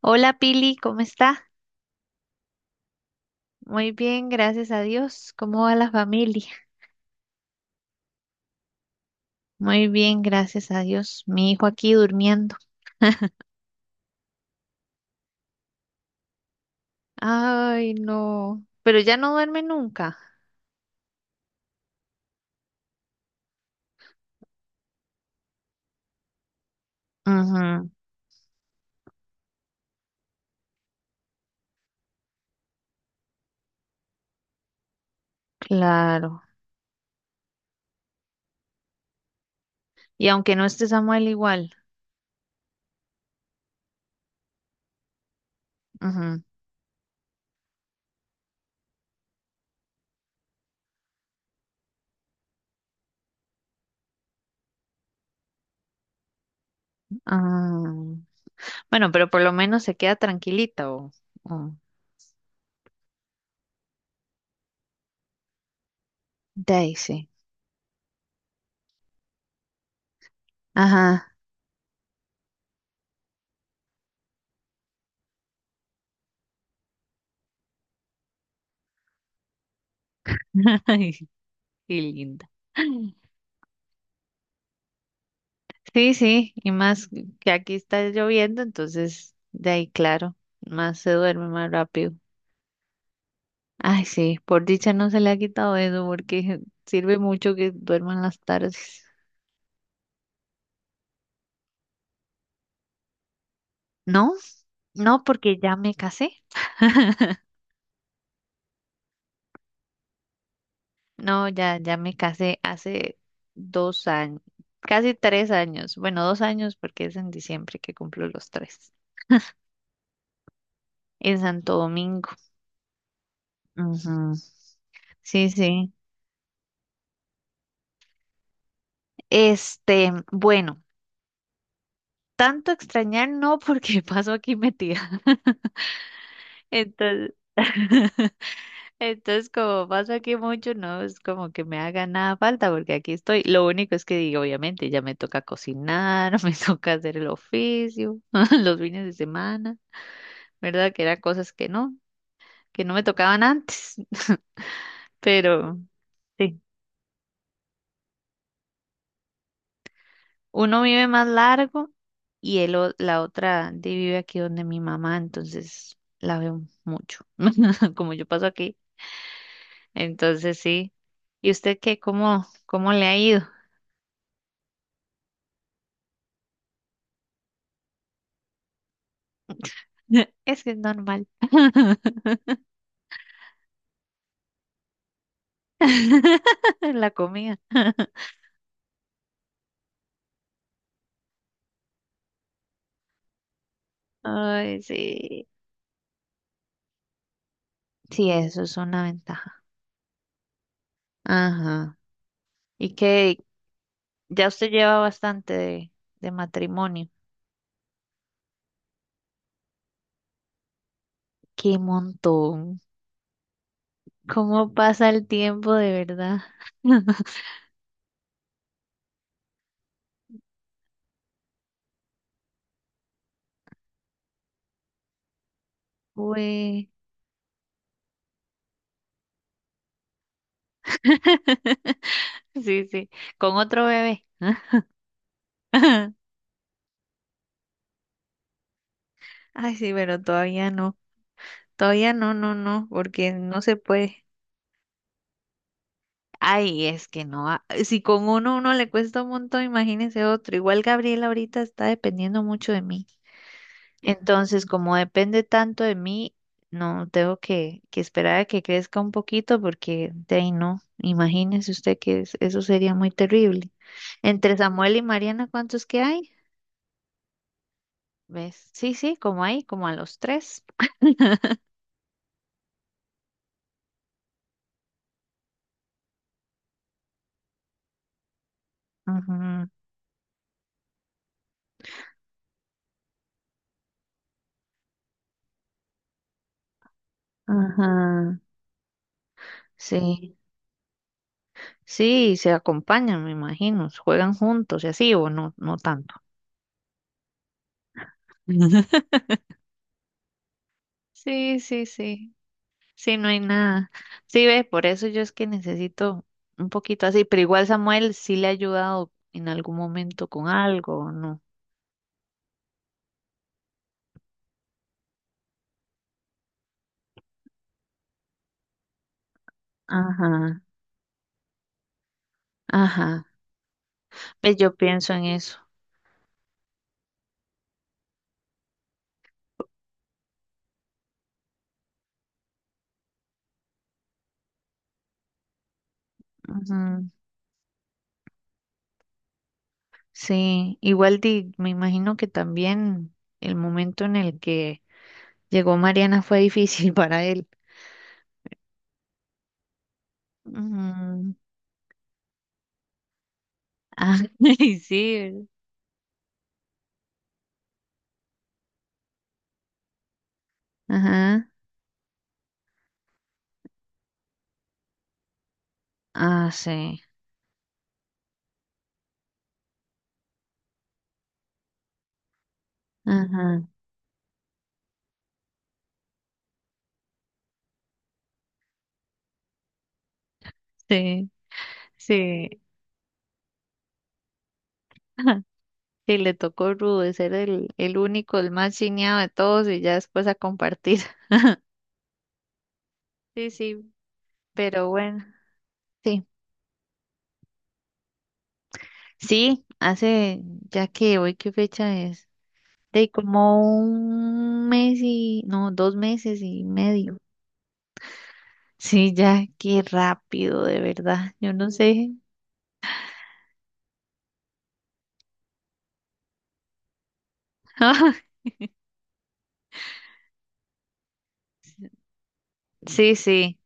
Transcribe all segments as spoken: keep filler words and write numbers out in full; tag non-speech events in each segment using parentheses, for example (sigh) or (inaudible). Hola Pili, ¿cómo está? Muy bien, gracias a Dios. ¿Cómo va la familia? Muy bien, gracias a Dios. Mi hijo aquí durmiendo. Ay, no. Pero ya no duerme nunca. Ujú, claro. Y aunque no esté Samuel igual. Ujú. Ah, bueno, pero por lo menos se queda tranquilita o, o- De ahí sí. Ajá. (laughs) Ay, qué linda. Sí, sí, y más que aquí está lloviendo, entonces de ahí, claro, más se duerme más rápido. Ay, sí, por dicha no se le ha quitado eso porque (laughs) sirve mucho que duerman las tardes. No, no, porque ya me casé. No, ya, ya me casé hace dos años, casi tres años. Bueno, dos años porque es en diciembre que cumplo los tres. En Santo Domingo. Ujú. Sí, sí. Este, bueno. Tanto extrañar no, porque (laughs) paso aquí metida. (laughs) Entonces, (laughs) entonces como paso aquí mucho, no es como que me haga nada falta, porque aquí estoy. Lo único es que digo, obviamente, ya me toca cocinar, (laughs) me toca hacer el oficio, (laughs) los fines de semana, ¿verdad? Que eran cosas que no, que no me tocaban antes. (laughs) Pero sí, uno vive más largo y el, o- la otra de- vive aquí donde mi mamá, entonces la veo mucho. (laughs) Como yo paso aquí. Entonces sí. ¿Y usted qué? ¿Cómo, cómo le ha ido? (laughs) Es que es normal. (laughs) La comida. (laughs) Ay, sí. Sí, eso es una ventaja. Ajá. Y que ya usted lleva bastante de, de matrimonio. Qué montón. ¿Cómo pasa el tiempo de verdad? (laughs) Uy. (laughs) Sí, sí. Con otro bebé. (laughs) Ay, sí, pero todavía no. Todavía no, no, no, porque no se puede. Ay, es que no, ah, si con uno uno le cuesta un montón, imagínese otro. Igual Gabriela ahorita está dependiendo mucho de mí. Entonces, como depende tanto de mí, no tengo que, que esperar a que crezca un poquito porque de ahí no. Imagínese usted que es- eso sería muy terrible. Entre Samuel y Mariana, ¿cuántos que hay? ¿Ves? Sí, sí, como ahí, como a los tres. (laughs) Ajá, ajá, sí, sí, se acompañan, me imagino, juegan juntos y así, o no, no tanto. (laughs) Sí, sí, sí. Sí, no hay nada. Sí, ve, por eso yo es que necesito un poquito así, pero igual Samuel sí le ha ayudado en algún momento con algo, ¿o ¿no? Ajá, ajá. Ve, yo pienso en eso. Ujú. Sí, igual di, me imagino que también el momento en el que llegó Mariana fue difícil (laughs) para él. Ujú. Ah, (laughs) y sí, ¿verdad? Ajá. Ah, sí. Ajá. Sí, sí. (laughs) Y le tocó rudo de ser el, el único, el más chineado de todos y ya después a compartir. (laughs) Sí, sí, pero bueno, sí. Sí, hace, ya que hoy, ¿qué fecha es? De como un mes y, no, dos meses y medio. Sí, ya, qué rápido, de verdad. Yo no sé. (laughs) Sí, sí.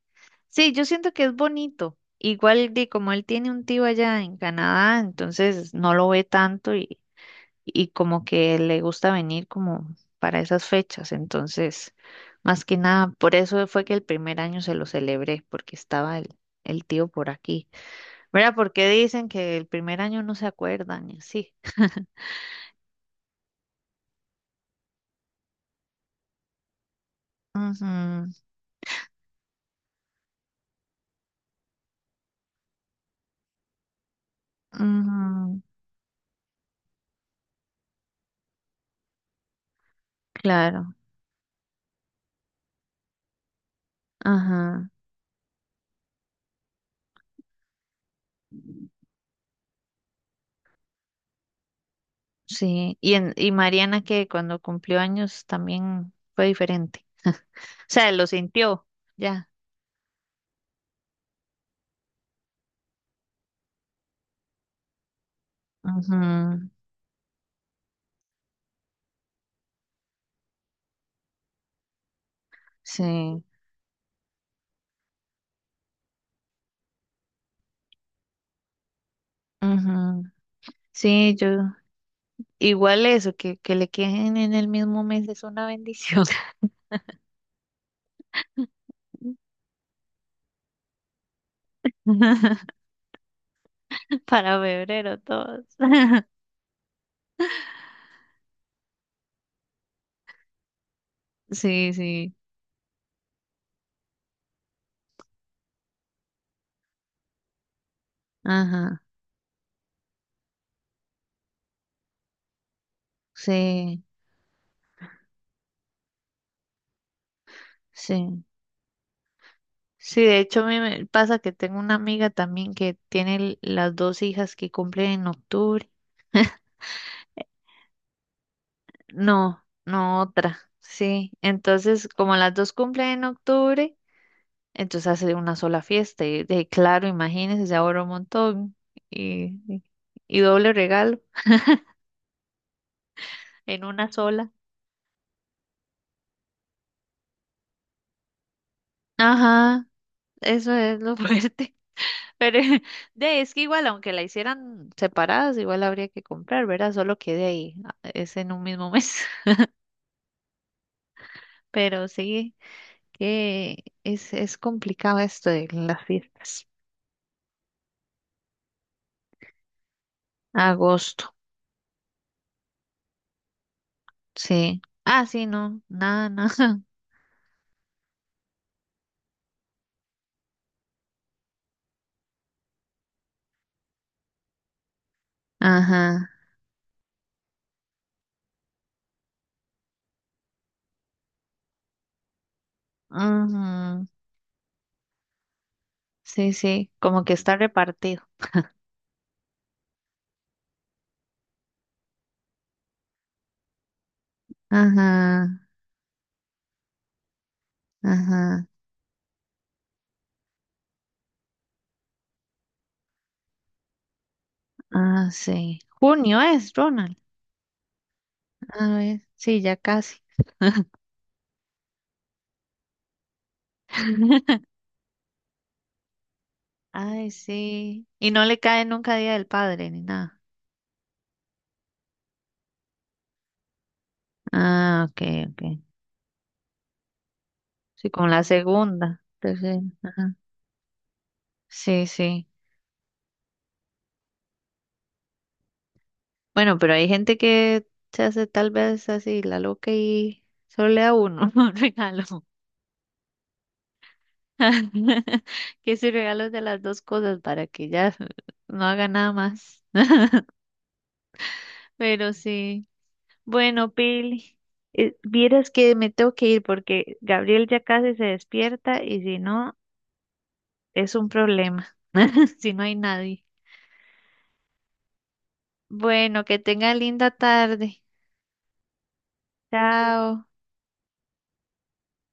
Sí, yo siento que es bonito. Igual de como él tiene un tío allá en Canadá, entonces no lo ve tanto y y como que le gusta venir como para esas fechas. Entonces, más que nada, por eso fue que el primer año se lo celebré, porque estaba el, el tío por aquí. Mira, porque dicen que el primer año no se acuerdan y así. Ujú, ujú, claro, ajá, sí. Y, en, y Mariana que cuando cumplió años también fue diferente. O sea, lo sintió, ya. Ujú, sí. Ujú. Sí, yo. Igual eso, que, que le queden en el mismo mes es una bendición. (laughs) Para febrero todos. (laughs) Sí, sí. Ajá. Sí, sí. Sí, de hecho a mí me pasa que tengo una amiga también que tiene l- las dos hijas que cumplen en octubre. No, no otra. Sí. Entonces, como las dos cumplen en octubre, entonces hace una sola fiesta. Y de claro, imagínense, se ahorra un montón. Y, y y doble regalo en una sola. Ajá, eso es lo fuerte. (laughs) Pero (laughs) de es que igual, aunque la hicieran separadas, igual habría que comprar, ¿verdad? Solo que de ahí a- es en un mismo mes. (laughs) Pero sí, que es, es complicado esto de las fiestas. Agosto, sí. Ah, sí, no, nada, nada. (laughs) Ajá. Ujú. Sí, sí, como que está repartido. Ajá, ajá. Ah, sí. Junio es, Ronald. A ver, sí, ya casi. (laughs) Ay, sí. Y no le cae nunca Día del Padre ni nada. Ah, ok, ok. Sí, con la segunda, tercera. Ajá. Sí, sí. Bueno, pero hay gente que se hace tal vez así la loca y solo le da uno (laughs) un regalo. (laughs) Que si regalos de las dos cosas para que ya no haga nada más. (laughs) Pero sí. Bueno, Pili, eh, vieras que me tengo que ir porque Gabriel ya casi se despierta y si no, es un problema (laughs) si no hay nadie. Bueno, que tenga linda tarde. Chao.